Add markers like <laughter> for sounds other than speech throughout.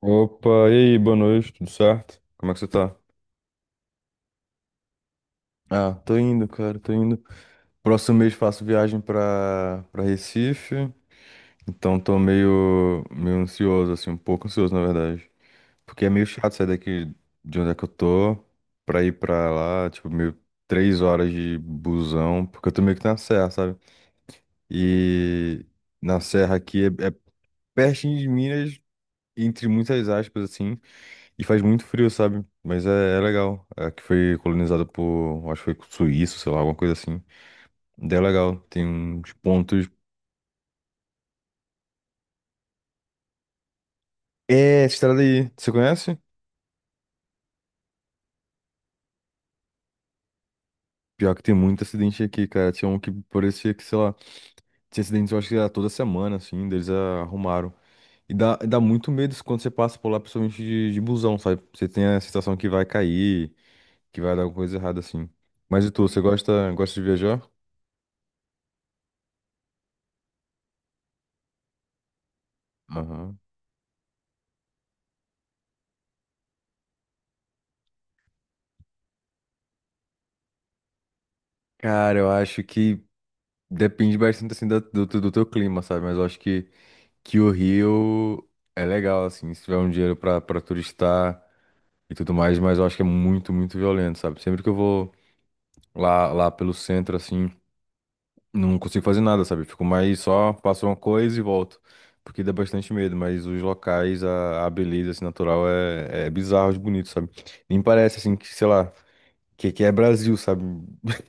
Opa, e aí, boa noite, tudo certo? Como é que você tá? Ah, tô indo, cara, tô indo. Próximo mês faço viagem pra Recife, então tô meio ansioso, assim, um pouco ansioso, na verdade. Porque é meio chato sair daqui de onde é que eu tô pra ir pra lá, tipo, meio 3 horas de busão, porque eu tô meio que na serra, sabe? E na serra aqui é pertinho de Minas, entre muitas aspas, assim, e faz muito frio, sabe? Mas é legal. É que foi colonizada por, acho que foi suíço, sei lá, alguma coisa assim. Daí é legal. Tem uns pontos. É, essa estrada aí, você conhece? Pior que tem muito acidente aqui, cara. Tinha um que parecia que, sei lá, tinha acidente, eu acho que era toda semana, assim, deles arrumaram. E dá muito medo isso quando você passa por lá, principalmente de busão, sabe? Você tem a sensação que vai cair, que vai dar alguma coisa errada, assim. Mas e tu, você gosta, gosta de viajar? Aham. Cara, eu acho que depende bastante assim do teu clima, sabe? Mas eu acho que o Rio é legal, assim, se tiver um dinheiro pra turistar e tudo mais, mas eu acho que é muito, muito violento, sabe? Sempre que eu vou lá pelo centro, assim, não consigo fazer nada, sabe? Fico mais só, faço uma coisa e volto. Porque dá bastante medo, mas os locais, a beleza assim, natural é bizarro de bonito, sabe? Nem parece assim que, sei lá, que é Brasil, sabe?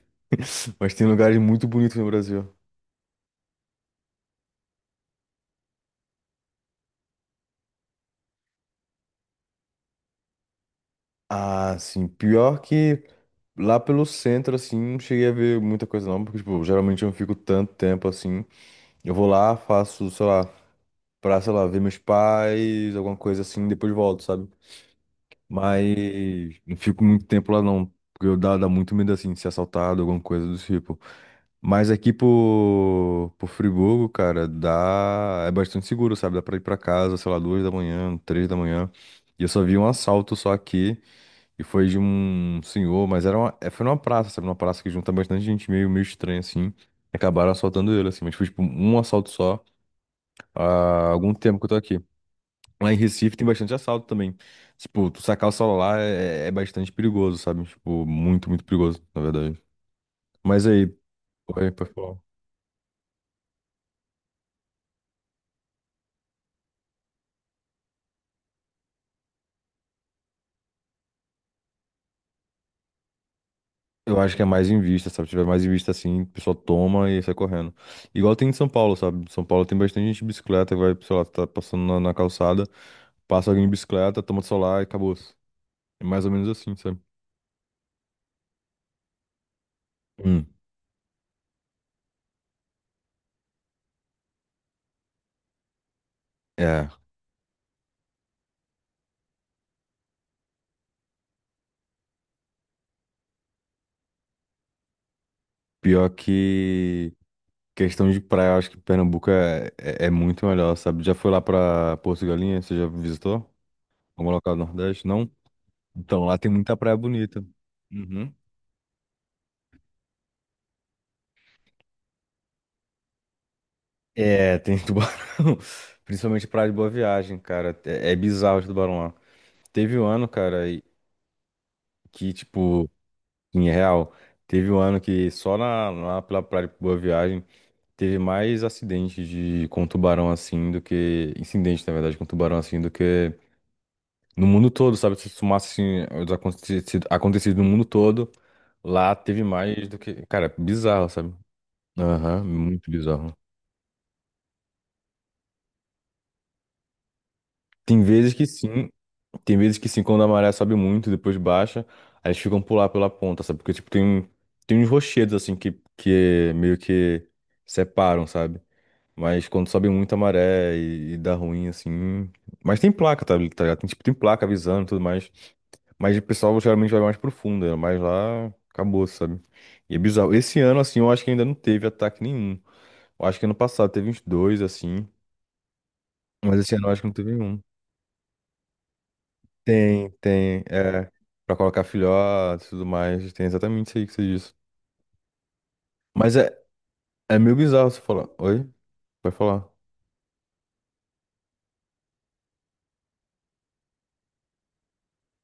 <laughs> Mas tem lugares muito bonitos no Brasil. Ah, sim. Pior que lá pelo centro, assim, não cheguei a ver muita coisa não, porque, tipo, geralmente eu não fico tanto tempo assim. Eu vou lá, faço, sei lá, pra, sei lá, ver meus pais, alguma coisa assim, depois volto, sabe? Mas não fico muito tempo lá não, porque eu dá muito medo, assim, de ser assaltado, alguma coisa do tipo. Mas aqui por Friburgo, cara, dá, é bastante seguro, sabe? Dá pra ir pra casa, sei lá, 2 da manhã, 3 da manhã. E eu só vi um assalto só aqui. E foi de um senhor, mas era uma, é, foi numa praça, sabe? Numa praça que junta bastante gente meio, meio estranha, assim. E acabaram assaltando ele, assim. Mas foi, tipo, um assalto só há algum tempo que eu tô aqui. Lá em Recife tem bastante assalto também. Tipo, tu sacar o celular é bastante perigoso, sabe? Tipo, muito, muito perigoso, na verdade. Mas aí, oi, pessoal. Eu acho que é mais em vista, sabe? Se tiver mais em vista assim, o pessoal toma e sai correndo. Igual tem em São Paulo, sabe? Em São Paulo tem bastante gente de bicicleta que vai, sei lá, tá passando na, na calçada, passa alguém de bicicleta, toma o celular e acabou. É mais ou menos assim, sabe? Hum. É. Pior que questão de praia, eu acho que Pernambuco é muito melhor, sabe? Já foi lá pra Porto Galinha? Você já visitou? Algum local do Nordeste? Não? Então, lá tem muita praia bonita. Uhum. É, tem <laughs> tubarão. Principalmente praia de Boa Viagem, cara. É bizarro de tubarão lá. Teve um ano, cara, e- que, tipo, em real, teve um ano que só na, lá pela praia de Boa Viagem. Teve mais acidentes de, com tubarão assim do que. Incidente, na verdade, com tubarão assim do que no mundo todo, sabe? Se somasse assim, os acontecidos, acontecidos no mundo todo, lá teve mais do que. Cara, bizarro, sabe? Aham, muito bizarro. Tem vezes que sim, tem vezes que sim, quando a maré sobe muito, depois baixa, aí eles ficam pular pela ponta, sabe? Porque, tipo, tem uns rochedos assim que meio que separam, sabe? Mas quando sobe muito a maré e dá ruim, assim. Mas tem placa, tá, tá ligado? Tem, tipo, tem placa avisando e tudo mais. Mas o pessoal geralmente vai mais profundo, né? Mas lá acabou, sabe? E é bizarro. Esse ano, assim, eu acho que ainda não teve ataque nenhum. Eu acho que ano passado teve uns dois, assim. Mas esse ano eu acho que não teve nenhum. Tem, tem. É. Pra colocar filhote e tudo mais. Tem exatamente isso aí que você disse. Mas é, é meio bizarro você falar. Oi? Vai falar.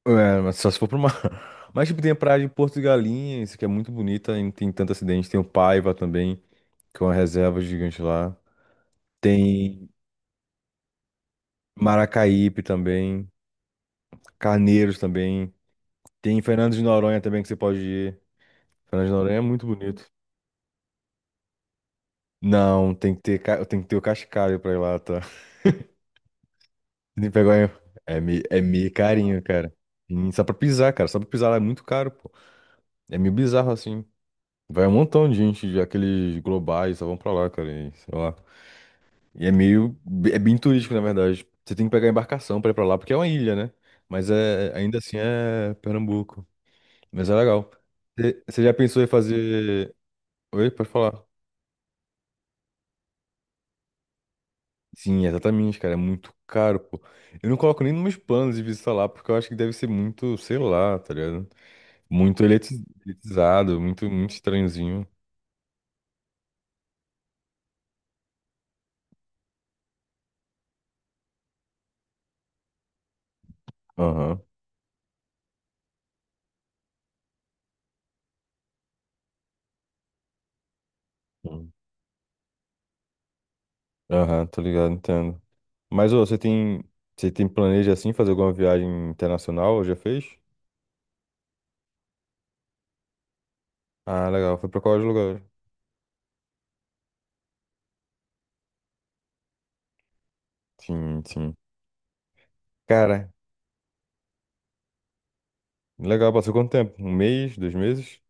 É, mas só se for pra uma. <laughs> Mas, tipo, tem a praia de Porto de Galinhas, que é muito bonita, e não tem tanto acidente. Tem o Paiva também, que é uma reserva gigante lá. Tem Maracaípe também, Carneiros também. Tem Fernando de Noronha também, que você pode ir. Fernando de Noronha é muito bonito. Não, tem que ter, tem que ter o Cascalho pra ir lá, tá? <laughs> Tem que pegar... um, é meio carinho, cara. E só pra pisar, cara. Só pra pisar lá é muito caro, pô. É meio bizarro, assim. Vai um montão de gente, de aqueles globais, só vão pra lá, cara, e sei lá. E é meio. É bem turístico, na verdade. Você tem que pegar embarcação pra ir pra lá, porque é uma ilha, né? Mas é, ainda assim é Pernambuco. Mas é legal. Você já pensou em fazer. Oi, pode falar. Sim, exatamente, cara. É muito caro, pô. Eu não coloco nem nos meus planos de visitar lá, porque eu acho que deve ser muito, sei lá, tá ligado? Muito elitizado, muito, muito estranhozinho. Aham. Hum. Aham, tô ligado, entendo. Mas, ô, você tem. Você tem planeja assim fazer alguma viagem internacional? Ou já fez? Ah, legal. Foi pra qual lugar? Sim, sim. Cara, legal. Passou quanto tempo? Um mês? 2 meses?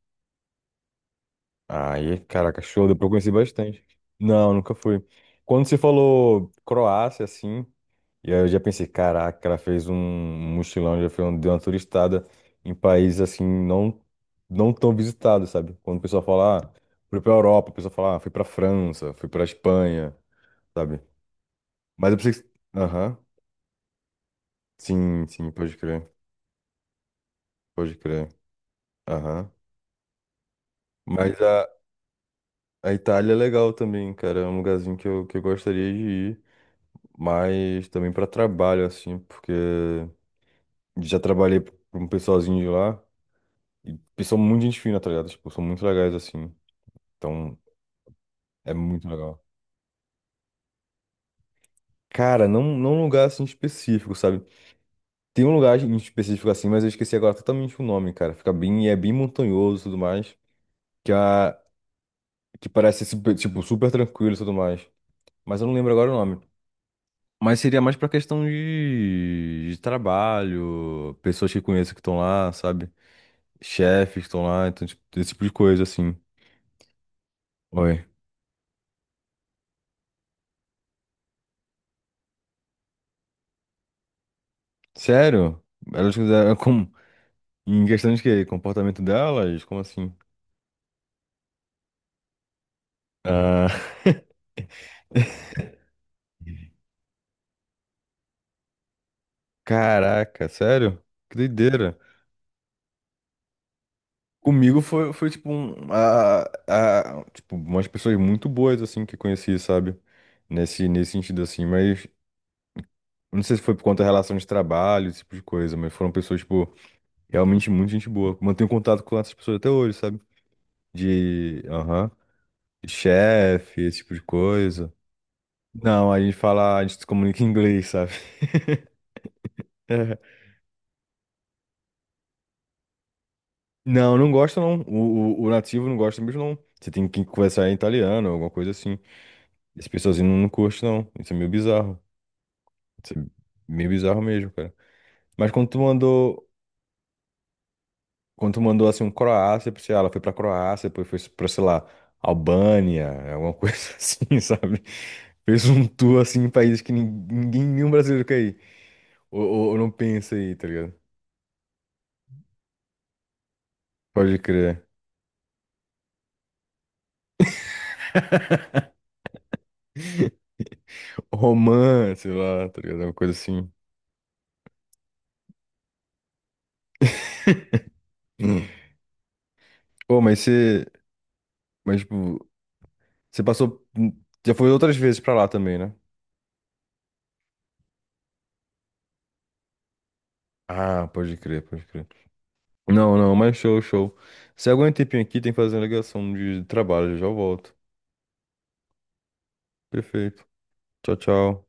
Aí, caraca, show. Deu pra eu conhecer bastante. Não, nunca fui. Quando você falou Croácia, assim, e aí eu já pensei, caraca, ela fez um mochilão, já fez um, deu uma turistada em países, assim, não, não tão visitados, sabe? Quando o pessoal fala, ah, fui pra Europa, o pessoal fala, ah, fui pra França, fui pra Espanha, sabe? Mas eu pensei que... Aham. Sim, sim, pode crer. Pode crer. Aham. Mas a Itália é legal também, cara. É um lugarzinho que eu gostaria de ir, mas também para trabalho, assim, porque já trabalhei para um pessoalzinho de lá e eles são muito gente fina, tá ligado? Tipo, são muito legais, assim. Então, é muito legal. Cara, não, não um lugar assim específico, sabe? Tem um lugar em específico assim, mas eu esqueci agora totalmente o nome, cara. Fica bem, é bem montanhoso e tudo mais, que, a, que parece super, tipo, super tranquilo e tudo mais. Mas eu não lembro agora o nome. Mas seria mais pra questão de trabalho, pessoas que conheço que estão lá, sabe? Chefes que estão lá, então, tipo, esse tipo de coisa, assim. Oi. Sério? Elas fizeram <laughs> como? Em questão de quê? Comportamento delas? Como assim? Ah, <laughs> caraca, sério? Que doideira. Comigo foi, foi tipo, um, a, tipo, umas pessoas muito boas, assim, que eu conheci, sabe? Nesse, nesse sentido, assim, mas não sei se foi por conta da relação de trabalho, esse tipo de coisa, mas foram pessoas, tipo. Realmente muito gente boa. Mantenho contato com essas pessoas até hoje, sabe? De, aham, de chefe, esse tipo de coisa. Não, a gente fala, a gente se comunica em inglês, sabe? <laughs> Não, não gosta não. O nativo não gosta mesmo não. Você tem que conversar em italiano, alguma coisa assim. Esse pessoalzinho não curte não. Isso é meio bizarro. Isso é meio bizarro mesmo, cara. Mas quando tu mandou Quando tu mandou assim um Croácia pra sei lá, ela foi pra Croácia, depois foi pra, sei lá, Albânia, alguma coisa <laughs> assim, sabe? Fez um tour assim em países que ninguém, nenhum brasileiro quer ir. Ou, ou não pensa aí, tá ligado? Pode crer. Romã, sei lá, tá ligado? Uma coisa assim. Hum. Pô, mas você. Mas, tipo, você passou. Já foi outras vezes pra lá também, né? Ah, pode crer, pode crer. Não, não, mas show, show. Se aguenta um tempinho aqui, tem que fazer uma ligação de trabalho, já volto. Perfeito. Tchau, tchau.